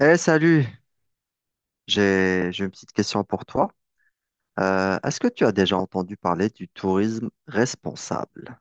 Eh salut, j'ai une petite question pour toi. Est-ce que tu as déjà entendu parler du tourisme responsable?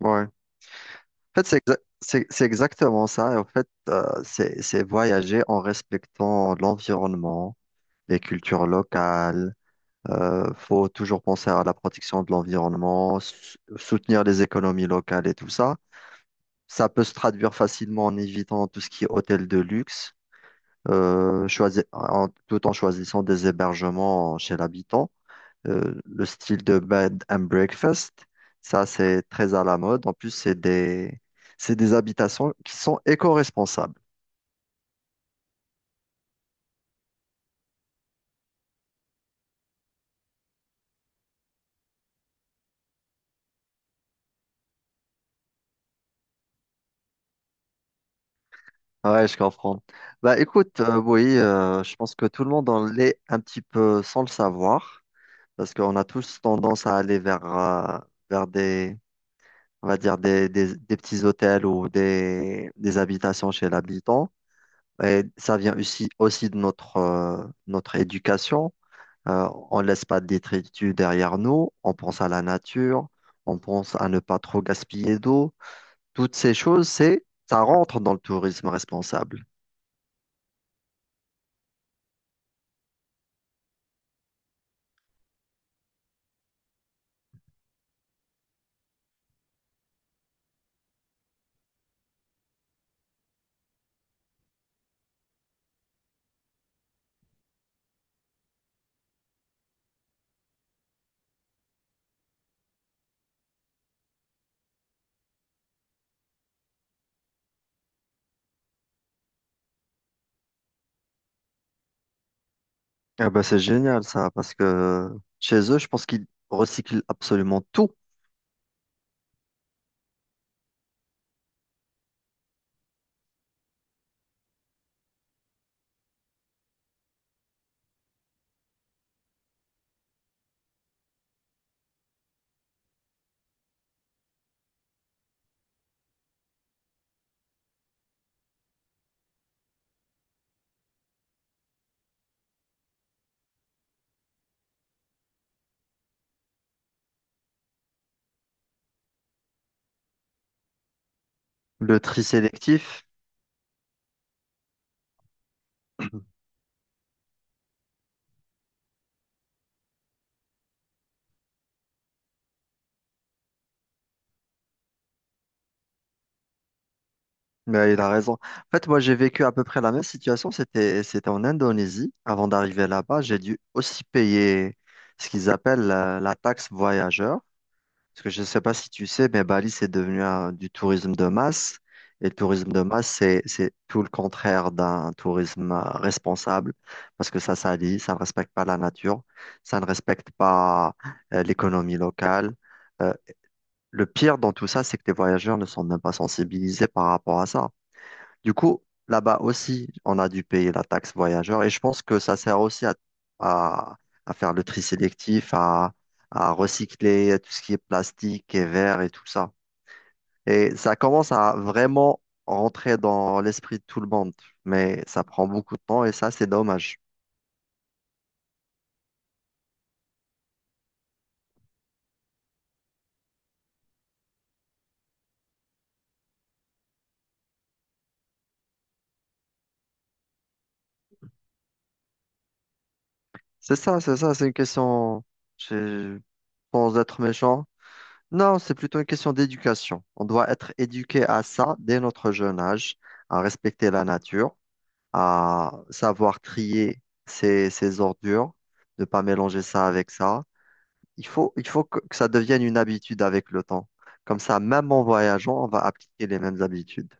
Ouais. En fait, c'est exactement ça. Et en fait, c'est voyager en respectant l'environnement, les cultures locales. Faut toujours penser à la protection de l'environnement, soutenir les économies locales et tout ça. Ça peut se traduire facilement en évitant tout ce qui est hôtel de luxe, tout en choisissant des hébergements chez l'habitant. Le style de bed and breakfast, ça c'est très à la mode. En plus, c'est des habitations qui sont éco-responsables. Ouais, je comprends. Bah écoute, oui, je pense que tout le monde en l'est un petit peu sans le savoir. Parce qu'on a tous tendance à aller vers, vers des, on va dire des petits hôtels ou des habitations chez l'habitant. Et ça vient aussi, aussi de notre, notre éducation. On laisse pas de détritus derrière nous. On pense à la nature. On pense à ne pas trop gaspiller d'eau. Toutes ces choses, c'est, ça rentre dans le tourisme responsable. Ah ben, c'est génial ça, parce que chez eux, je pense qu'ils recyclent absolument tout. Le tri sélectif. Mais il a raison. En fait, moi, j'ai vécu à peu près la même situation. C'était en Indonésie. Avant d'arriver là-bas, j'ai dû aussi payer ce qu'ils appellent la taxe voyageur. Parce que je ne sais pas si tu sais, mais Bali, c'est devenu du tourisme de masse. Et le tourisme de masse, c'est tout le contraire d'un tourisme responsable. Parce que ça salit, ça ne respecte pas la nature, ça ne respecte pas l'économie locale. Euh, le pire dans tout ça, c'est que les voyageurs ne sont même pas sensibilisés par rapport à ça. Du coup, là-bas aussi, on a dû payer la taxe voyageur et je pense que ça sert aussi à, à faire le tri sélectif, à recycler tout ce qui est plastique et verre et tout ça. Et ça commence à vraiment rentrer dans l'esprit de tout le monde, mais ça prend beaucoup de temps et ça, c'est dommage. C'est ça, c'est ça, c'est une question, je- sans être méchant. Non, c'est plutôt une question d'éducation. On doit être éduqué à ça dès notre jeune âge, à respecter la nature, à savoir trier ses ordures, ne pas mélanger ça avec ça. Il faut que ça devienne une habitude avec le temps. Comme ça, même en voyageant, on va appliquer les mêmes habitudes.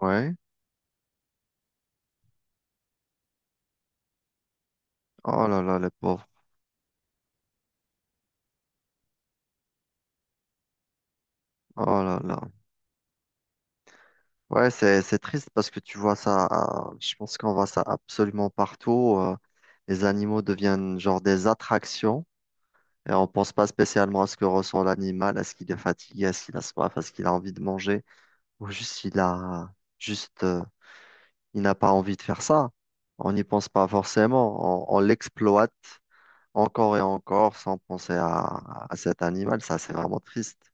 Ouais. Oh là là, les pauvres. Oh là là. Ouais, c'est triste parce que tu vois ça, je pense qu'on voit ça absolument partout. Les animaux deviennent genre des attractions et on pense pas spécialement à ce que ressent l'animal, à ce qu'il est fatigué, à ce qu'il a soif, à ce qu'il a envie de manger, ou juste il a juste il n'a pas envie de faire ça. On n'y pense pas forcément. On l'exploite encore et encore sans penser à cet animal. Ça, c'est vraiment triste.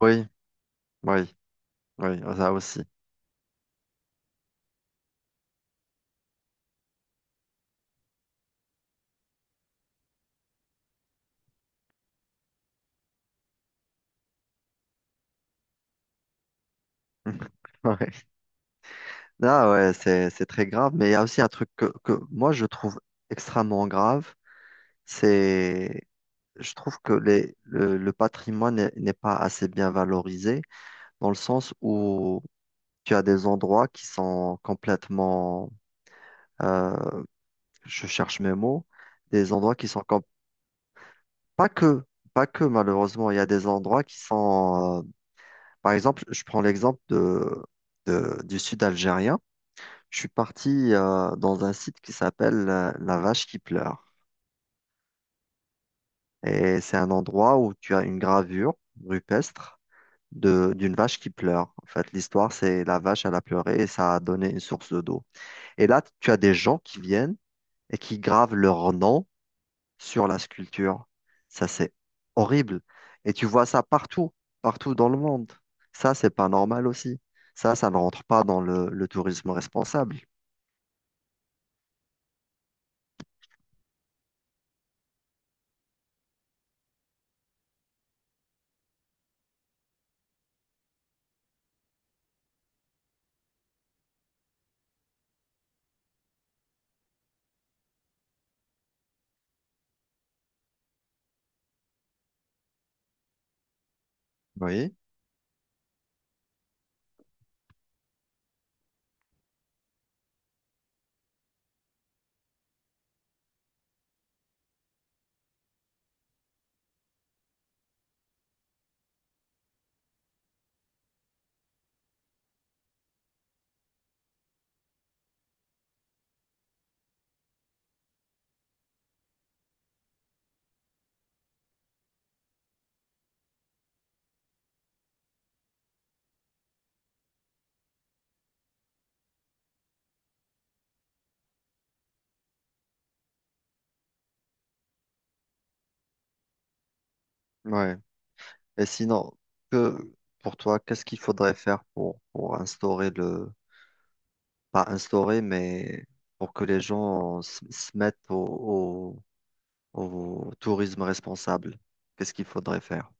Oui, oui, oui, ça aussi. Ouais. Ah ouais, c'est très grave. Mais il y a aussi un truc que moi, je trouve extrêmement grave. C'est, je trouve que le patrimoine n'est pas assez bien valorisé dans le sens où tu as des endroits qui sont complètement euh, je cherche mes mots, des endroits qui sont comme, pas que, pas que malheureusement, il y a des endroits qui sont, par exemple, je prends l'exemple de, du sud algérien. Je suis parti dans un site qui s'appelle La Vache qui pleure. Et c'est un endroit où tu as une gravure rupestre de, d'une vache qui pleure. En fait, l'histoire, c'est la vache, elle a pleuré et ça a donné une source d'eau. Et là, tu as des gens qui viennent et qui gravent leur nom sur la sculpture. Ça, c'est horrible. Et tu vois ça partout, partout dans le monde. Ça, c'est pas normal aussi. Ça ne rentre pas dans le tourisme responsable. Oui, ouais. Et sinon, que pour toi, qu'est-ce qu'il faudrait faire pour instaurer le, pas instaurer, mais pour que les gens se, se mettent au, au tourisme responsable? Qu'est-ce qu'il faudrait faire?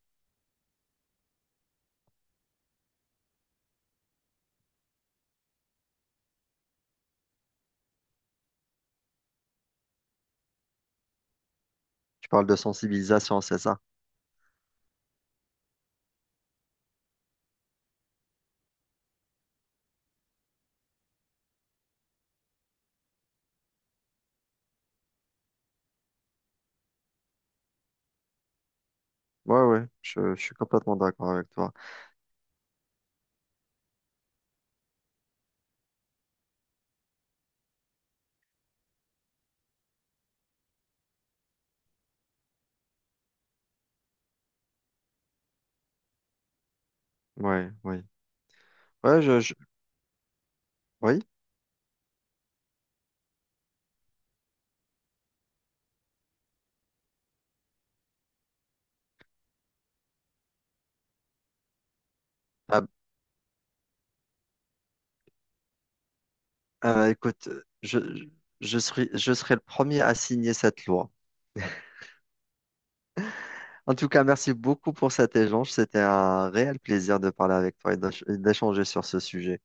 Tu parles de sensibilisation, c'est ça? Ouais, ouais, je suis complètement d'accord avec toi. Ouais, oui. Ouais, oui. Ah, ah, écoute, je, je je serai le premier à signer cette loi. En tout cas, merci beaucoup pour cet échange. C'était un réel plaisir de parler avec toi et et d'échanger sur ce sujet.